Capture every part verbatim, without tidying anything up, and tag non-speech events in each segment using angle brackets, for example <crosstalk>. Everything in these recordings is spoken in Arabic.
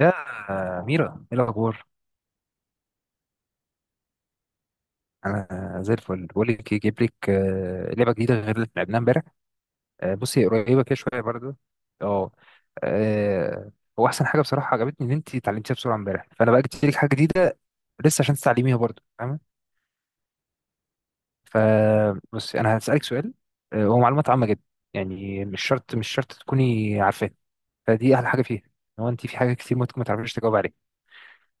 يا ميرا، ايه الاخبار؟ انا زي الفل. بقول لك ايه، جايب لك آه، لعبه جديده غير اللي لعبناها امبارح. آه، بصي، قريبه كده شويه برضه. اه آه، هو احسن حاجه بصراحه عجبتني ان انت اتعلمتيها بسرعه امبارح، فانا بقى جبت لك حاجه جديده لسه، عشان تتعلميها برضه، فاهمه؟ فبصي، انا هسالك سؤال. آه، هو معلومات عامه جدا، يعني مش شرط مش شرط تكوني عارفاه، فدي احلى حاجه فيها، ان هو انت في حاجه كتير ممكن ما تعرفيش تجاوب عليها.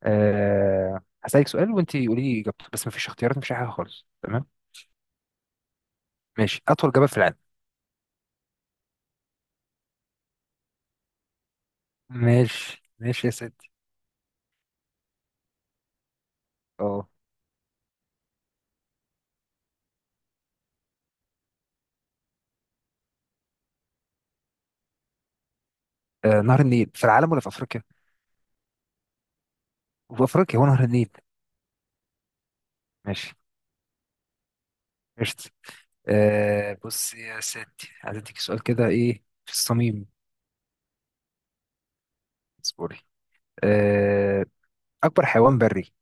أه، هسألك سؤال وانت قولي لي اجابته، بس مفيش اختيارات، مفيش أي حاجه خالص، تمام؟ ماشي، أطول جبل في العالم. ماشي ماشي يا سيدي. أه. آه، نهر النيل في العالم ولا في أفريقيا؟ في أفريقيا هو نهر النيل. ماشي. قشطة. أه، بص يا سيدي، عايز أديك سؤال كده إيه في الصميم. اصبري. أه. أكبر حيوان بري.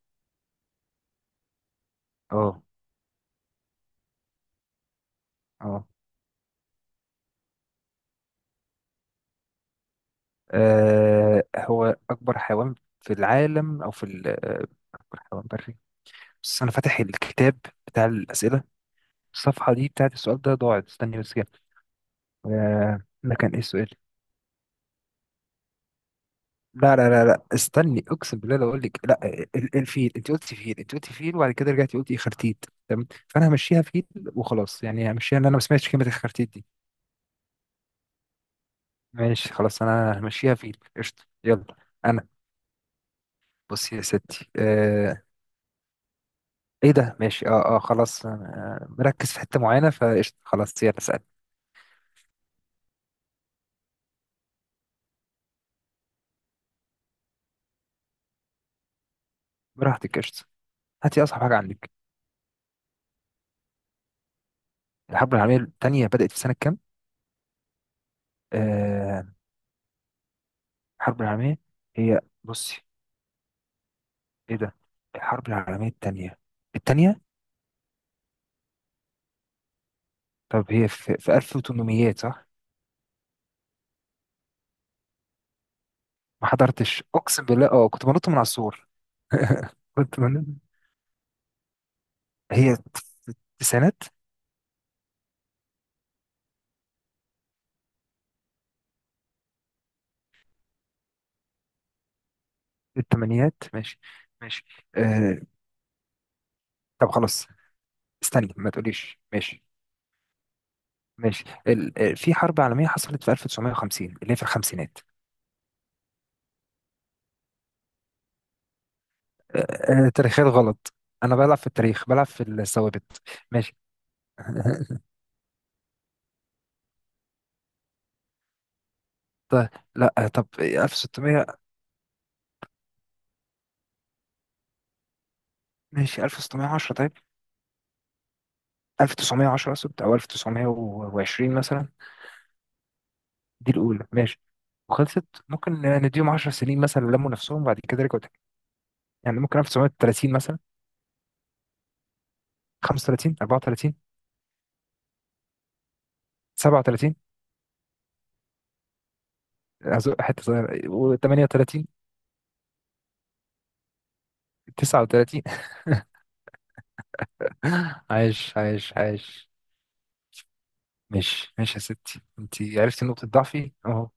أه. أه. آه، هو أكبر حيوان في العالم أو في ال- آه، أكبر حيوان بري؟ بس أنا فاتح الكتاب بتاع الأسئلة، الصفحة دي بتاعت السؤال ده ضاعت، استني بس كده. آه، ده كان إيه السؤال؟ لا لا لا لا، استني، اقسم بالله لو اقول لك لا. ال- الفيل، انت قلت فيل، انت قلت فيل وبعد كده رجعتي قلتي خرتيت، تمام؟ فانا همشيها فيل وخلاص، يعني همشيها ان انا ما سمعتش كلمه الخرتيت دي. ماشي، خلاص انا همشيها فيل، قشطه، يلا. انا. بصي يا ستي، آه. ايه ده؟ ماشي. اه اه خلاص. آه مركز في حته معينه، فقشطه، خلاص يلا اسال. براحتك، قشطه. هاتي اصعب حاجه عندك. الحرب العالميه الثانيه بدات في سنه كام؟ آه. الحرب العالميه. هي، بصي. ايه ده؟ الحرب العالميه الثانيه. التانية. طب هي في في ألف وتمنمية صح؟ ما حضرتش اقسم بالله، اه كنت بنط من على السور. كنت بنط. هي في التسعينات. في الثمانينات. ماشي. ماشي. آه... طب خلاص. استني ما تقوليش ماشي. ماشي ال... آه، في حرب عالمية حصلت في ألف وتسعمائة وخمسين اللي هي في الخمسينات. آه... آه... تاريخيات غلط. انا بلعب في التاريخ، بلعب في الثوابت. ماشي. <laughs> طيب. لا آه، طب ألف وستمية؟ ماشي، ألف وستمية وعشرة طيب. ألف وتسعمية وعشرة اقصد، او ألف وتسعمية وعشرين مثلا. دي الاولى، ماشي، وخلصت. ممكن نديهم 10 سنين مثلا لموا نفسهم، بعد كده رجعوا تاني. يعني ممكن ألف وتسعمية وتلاتين مثلا. خمسة وتلاتين، أربعة وثلاثين. سبعة وثلاثين. أزق حته صغيره، و38. تسعة وتلاتين. <laughs> عايش عايش عايش. ماشي ماشي يا ستي، انت عرفتي نقطه ضعفي اهو.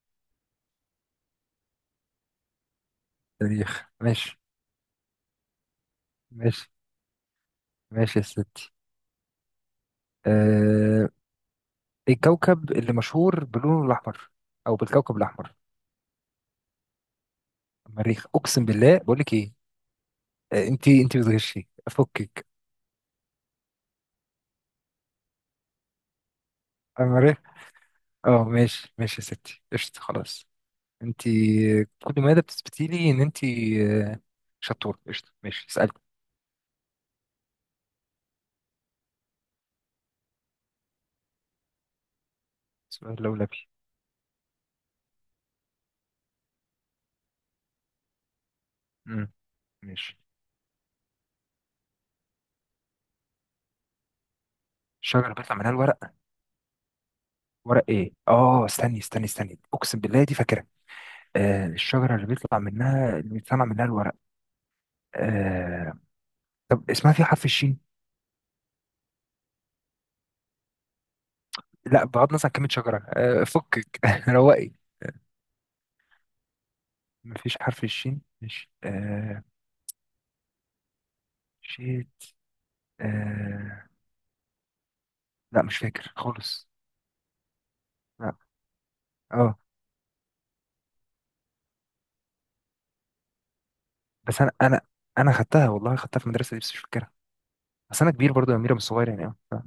تاريخ، ماشي. ماشي. ماشي يا ستي. أه... الكوكب اللي مشهور بلونه الاحمر، او بالكوكب الاحمر. المريخ، اقسم بالله، بقول لك ايه. آه، انت انت بتغشي، فكك. المريخ. اه، ماشي ماشي يا ستي، قشطة. خلاص، انت كل مادة بتثبتي لي ان انت شطورة، قشطة. ماشي، اسألك سؤال لولبي. امم ماشي. الشجرة بيطلع منها الورق. ورق ايه؟ اه، استني استني استني، اقسم بالله دي فاكرة. آه، الشجرة اللي بيطلع منها، اللي بيطلع منها الورق آه. طب اسمها في حرف الشين؟ لا، بغض النظر عن كلمة شجرة، آه فكك. <laughs> روقي. مفيش حرف الشين، ماشي. آه. شيت. آه. لا، مش فاكر خالص. لا. اه، بس انا انا. انا خدتها والله، خدتها في المدرسه دي، بس مش فاكرها. بس انا كبير برضو يا اميره، مش صغير يعني، اه.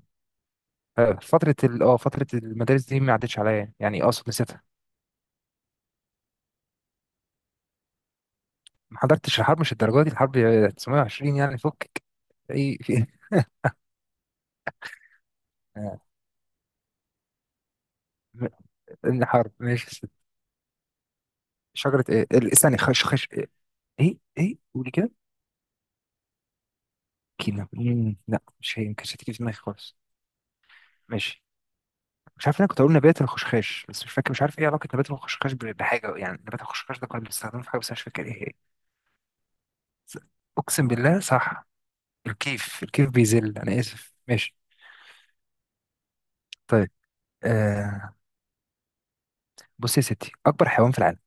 ف- فتره ال اه فتره المدارس دي ما عدتش عليا، يعني يعني اقصد نسيتها. ما حضرتش الحرب مش الدرجه دي الحرب، تسعمائة وعشرين يعني، فكك. ايه في ايه. آه، م- الحرب، ماشي يا ست. شجره ايه؟ ال- استني، خش خش ايه؟ ايه إيه؟ قولي كده. كينا؟ مم، لا مش هي، ما كانتش هتيجي في دماغي خالص. ماشي. مش عارف، انا كنت اقول نبات الخشخاش بس مش فاكر، مش عارف ايه علاقه نبات الخشخاش ب- بحاجه، يعني نبات الخشخاش ده كنا بنستخدمه في حاجه بس أنا مش فاكر ايه هي. اقسم بالله صح. الكيف، الكيف بيذل، انا اسف، ماشي. طيب. آه. بص يا ستي، اكبر حيوان في العالم.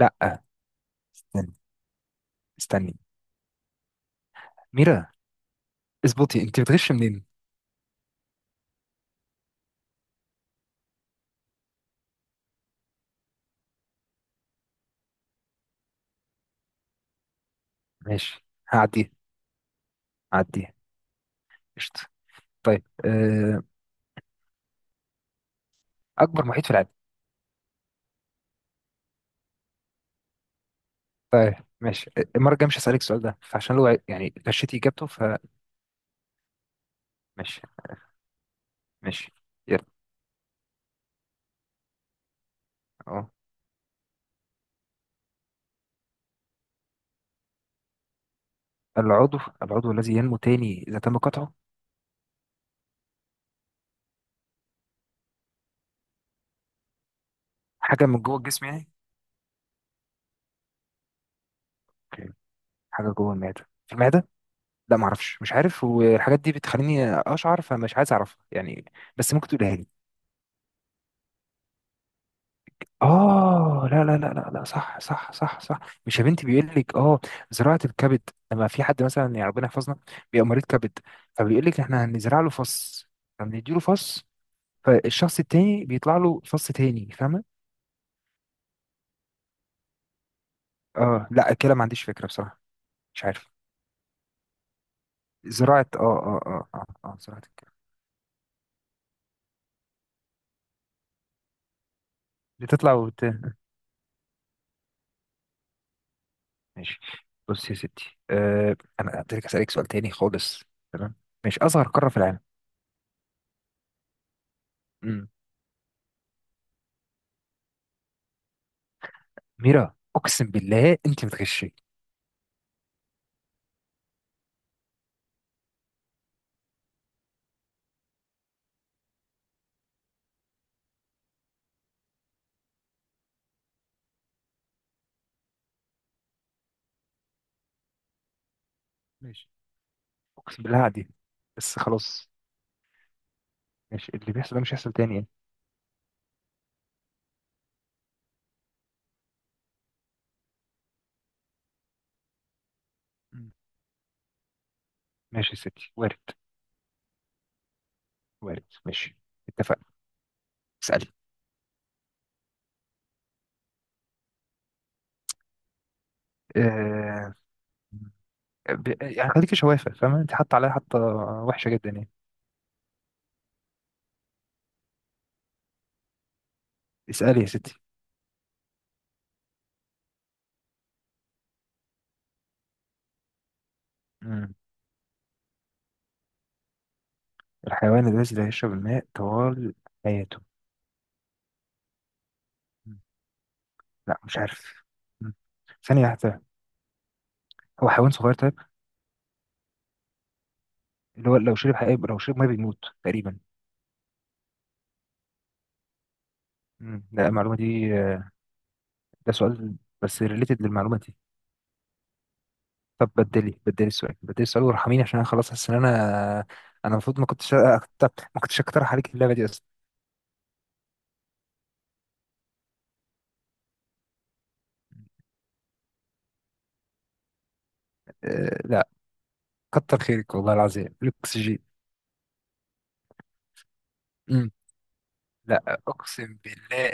لا، استني. استني. ميرا، اظبطي، انت بتغش منين؟ ماشي، هعديها. هعديها. قشطه. طيب، آه، اكبر محيط في العالم. طيب. ماشي، المره الجايه مش هسالك السؤال ده، فعشان لو يعني غشيتي اجابته، فماشي. ماشي. يلا. اه، العضو العضو الذي ينمو تاني اذا تم قطعه. حاجه من جوه الجسم يعني. اوكي. حاجه جوه المعده، في المعده. لا، ما اعرفش، مش عارف، والحاجات دي بتخليني اشعر، فمش عايز اعرفها يعني. بس ممكن تقولها لي. اه، لا لا لا لا لا، صح صح صح صح. مش يا بنتي، بيقول لك اه، زراعه الكبد، لما في حد مثلا يعني ربنا يحفظنا بيبقى مريض كبد، فبيقول لك احنا هنزرع له فص، فبندي له فص، فالشخص التاني بيطلع له فص تاني، فاهمه؟ اه، لا كده ما عنديش فكره بصراحه. مش عارف. زراعه، اه اه اه اه, آه زراعه الكبد. بتطلع وبت... ماشي. بص يا ستي، أه انا هديلك، اسالك سؤال تاني خالص. تمام. ماشي، اصغر قاره في العالم. امم ميرا اقسم بالله انت بتغشي. ماشي. اقسم بالله عادي. بس خلاص. ماشي، اللي بيحصل ده مش هيحصل تاني يعني. مم. ماشي يا ستي، وارد. وارد، ماشي. اتفقنا. اسالي. أه، ب... يعني خليكي شوافه، فاهمه؟ انت حاطه عليها حاطه وحشه جدا يعني. اسالي يا ستي. مم. الحيوان الذي لا يشرب الماء طوال حياته. مم. لا، مش عارف. مم. ثانية واحدة. هو حيوان صغير، طيب، اللي هو لو شرب حقيقة، لو شرب ميه بيموت تقريبا. مم. لا، المعلومة دي، ده سؤال. بس ريليتد للمعلومة دي. طب بدلي، بدلي السؤال بدلي السؤال، وارحميني عشان انا خلاص، حاسس ان انا انا المفروض ما كنتش أكتر... ما كنتش اقترح عليك اللعبة دي اصلا. أه... لا، كتر خيرك والله العظيم، الاكسجين. مم. لا اقسم بالله،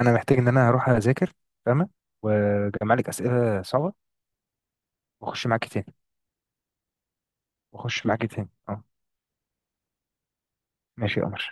انا محتاج ان انا اروح اذاكر، فاهمة، واجمع لك اسئلة صعبة، واخش معاكي تاني. واخش معاكي تاني، اه. ماشي يا قمر.